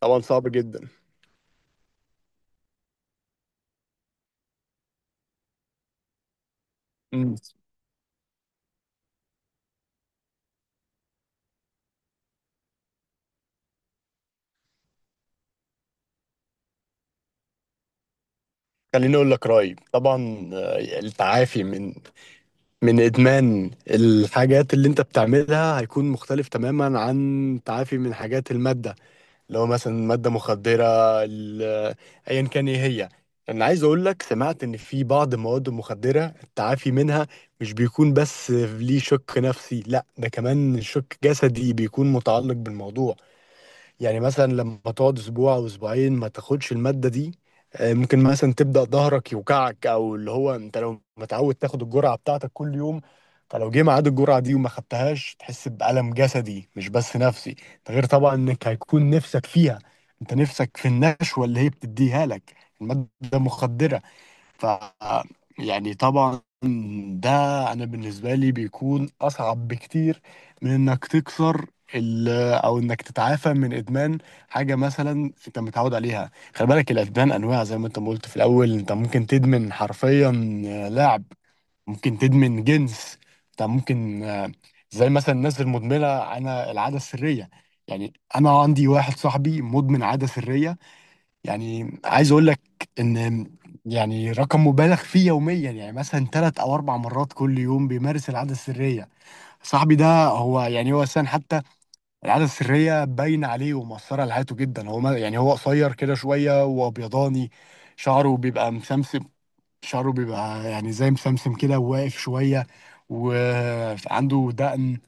طبعا صعب جدا. مم. خليني اقول لك رايي. طبعا، التعافي من ادمان الحاجات اللي انت بتعملها هيكون مختلف تماما عن تعافي من حاجات الماده. لو مثلا ماده مخدره، ال- آه، ايا كان ايه هي. انا عايز اقول لك سمعت ان في بعض المواد المخدره التعافي منها مش بيكون بس ليه شك نفسي، لا ده كمان شك جسدي بيكون متعلق بالموضوع. يعني مثلا لما تقعد اسبوع او اسبوعين ما تاخدش المادة دي، ممكن مثلا تبدأ ظهرك يوجعك، او اللي هو انت لو متعود تاخد الجرعة بتاعتك كل يوم. فلو جه ميعاد الجرعة دي وما خدتهاش تحس بألم جسدي مش بس نفسي. ده غير طبعا انك هيكون نفسك فيها، انت نفسك في النشوة اللي هي بتديها لك المادة مخدرة. ف يعني طبعا، ده انا بالنسبه لي بيكون اصعب بكتير من انك تكسر ال- او انك تتعافى من ادمان حاجه مثلا انت متعود عليها. خلي بالك الادمان انواع، زي ما انت ما قلت في الاول انت ممكن تدمن حرفيا لعب، ممكن تدمن جنس، انت ممكن زي مثلا الناس المدمنه انا العاده السريه. يعني انا عندي واحد صاحبي مدمن عاده سريه. يعني عايز اقول لك ان يعني رقم مبالغ فيه يوميا، يعني مثلا ثلاث او اربع مرات كل يوم بيمارس العاده السريه. صاحبي ده هو يعني هو اساسا حتى العاده السريه باينه عليه ومؤثره على حياته جدا. هو يعني هو قصير كده شويه وابيضاني، شعره بيبقى مسمسم، شعره بيبقى يعني زي مسمسم كده وواقف شويه، وعنده دقن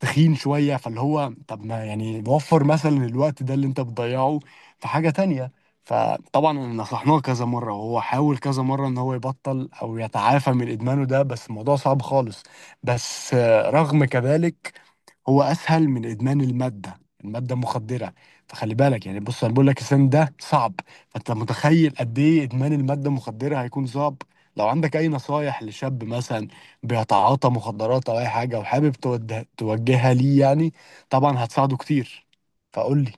تخين شوية. فاللي هو طب ما يعني وفر مثلا الوقت ده اللي انت بتضيعه في حاجة تانية. فطبعا نصحناه كذا مرة وهو حاول كذا مرة ان هو يبطل او يتعافى من ادمانه ده، بس الموضوع صعب خالص. بس رغم كذلك هو اسهل من ادمان الماده. الماده مخدره. فخلي بالك يعني. بص انا بقول لك السن ده صعب، فانت متخيل قد ايه ادمان الماده المخدره هيكون صعب. لو عندك اي نصايح لشاب مثلا بيتعاطى مخدرات او اي حاجه وحابب توجهها ليه، يعني طبعا هتساعده كتير. فقول لي.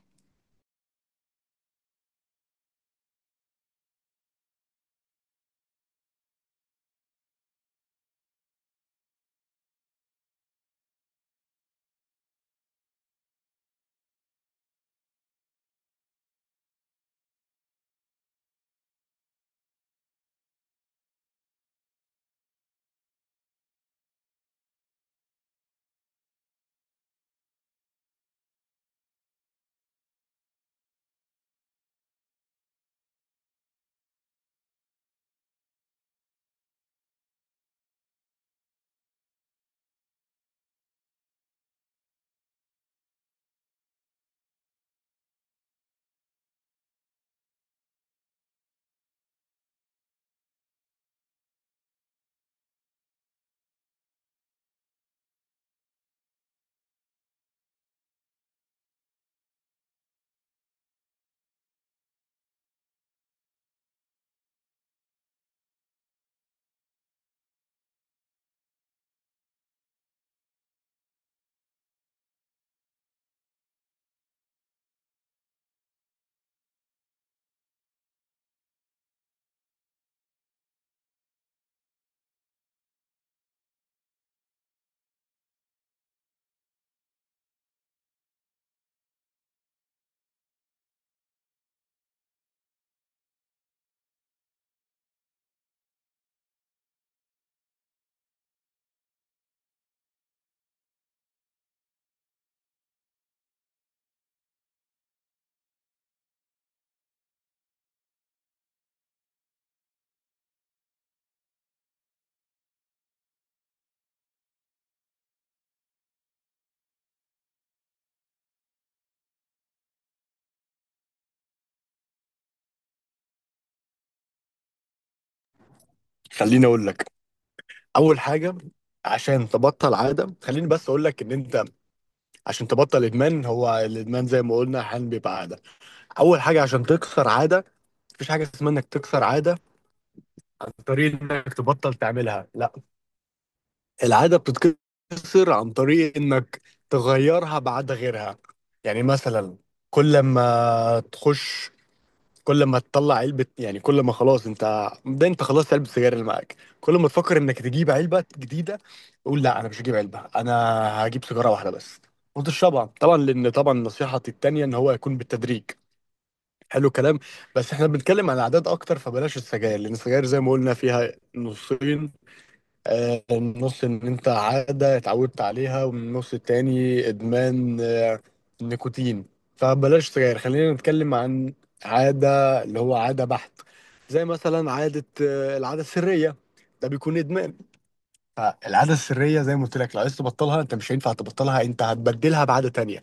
خليني اقول لك اول حاجه عشان تبطل عاده، خليني بس اقول لك ان انت عشان تبطل ادمان، هو الادمان زي ما قلنا احيانا بيبقى عاده. اول حاجه عشان تكسر عاده، مفيش حاجه اسمها انك تكسر عاده، طريقة انك تبطل تعملها لا، العادة بتتكسر عن طريق انك تغيرها بعادة غيرها. يعني مثلا كل ما تخش كل ما تطلع علبة، يعني كل ما خلاص انت ده انت خلاص علبة السجاير اللي معاك، كل ما تفكر انك تجيب علبة جديدة قول لا انا مش هجيب علبة، انا هجيب سيجارة واحدة بس وتشربها. طبعا لان طبعا نصيحتي التانية ان هو يكون بالتدريج. حلو كلام. بس احنا بنتكلم عن الاعداد اكتر، فبلاش السجاير، لان السجاير زي ما قلنا فيها نصين، النص ان انت عادة اتعودت عليها، ومن النص التاني ادمان نيكوتين. فبلاش سجاير، خلينا نتكلم عن عادة، اللي هو عادة بحت، زي مثلا عادة العادة السرية، ده بيكون ادمان. فالعادة السرية زي ما قلت لك لو عايز تبطلها انت مش هينفع تبطلها، انت هتبدلها بعادة تانية.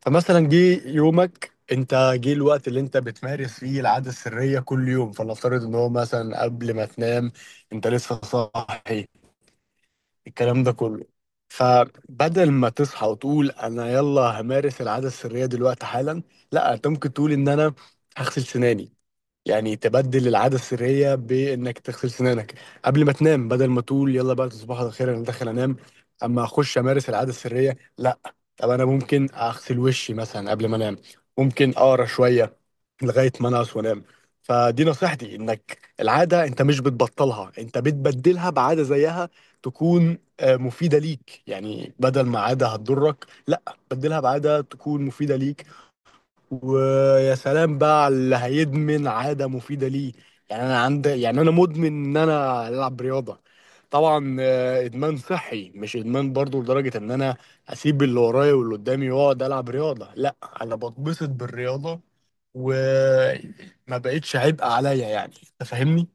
فمثلا جه يومك، انت جه الوقت اللي انت بتمارس فيه العادة السرية كل يوم، فلنفترض ان هو مثلا قبل ما تنام انت لسه صاحي الكلام ده كله، فبدل ما تصحى وتقول انا يلا همارس العادة السرية دلوقتي حالا، لا انت ممكن تقول ان انا هغسل سناني، يعني تبدل العادة السرية بإنك تغسل سنانك قبل ما تنام. بدل ما تقول يلا بقى تصبح على خير أنا داخل أنام، أما أخش أمارس العادة السرية لأ. طب أنا ممكن أغسل وشي مثلا قبل ما أنام، ممكن أقرأ شوية لغاية ما أنعس وأنام. فدي نصيحتي إنك العادة أنت مش بتبطلها، أنت بتبدلها بعادة زيها تكون مفيدة ليك. يعني بدل ما عادة هتضرك، لأ، بدلها بعادة تكون مفيدة ليك. ويا سلام بقى على اللي هيدمن عادة مفيدة ليه. يعني انا عند، يعني انا مدمن ان انا العب رياضة. طبعا ادمان صحي مش ادمان برضو لدرجة ان انا اسيب اللي ورايا واللي قدامي واقعد العب رياضة لا. انا بتبسط بالرياضة وما بقتش عبء عليا، يعني أنت فاهمني.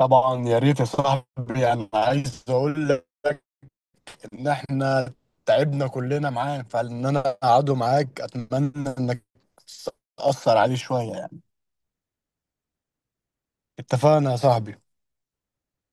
طبعا يا ريت يا صاحبي. انا عايز اقول لك ان احنا تعبنا كلنا معاه، فان انا اقعده معاك اتمنى انك تاثر عليه شويه يعني. اتفقنا يا صاحبي.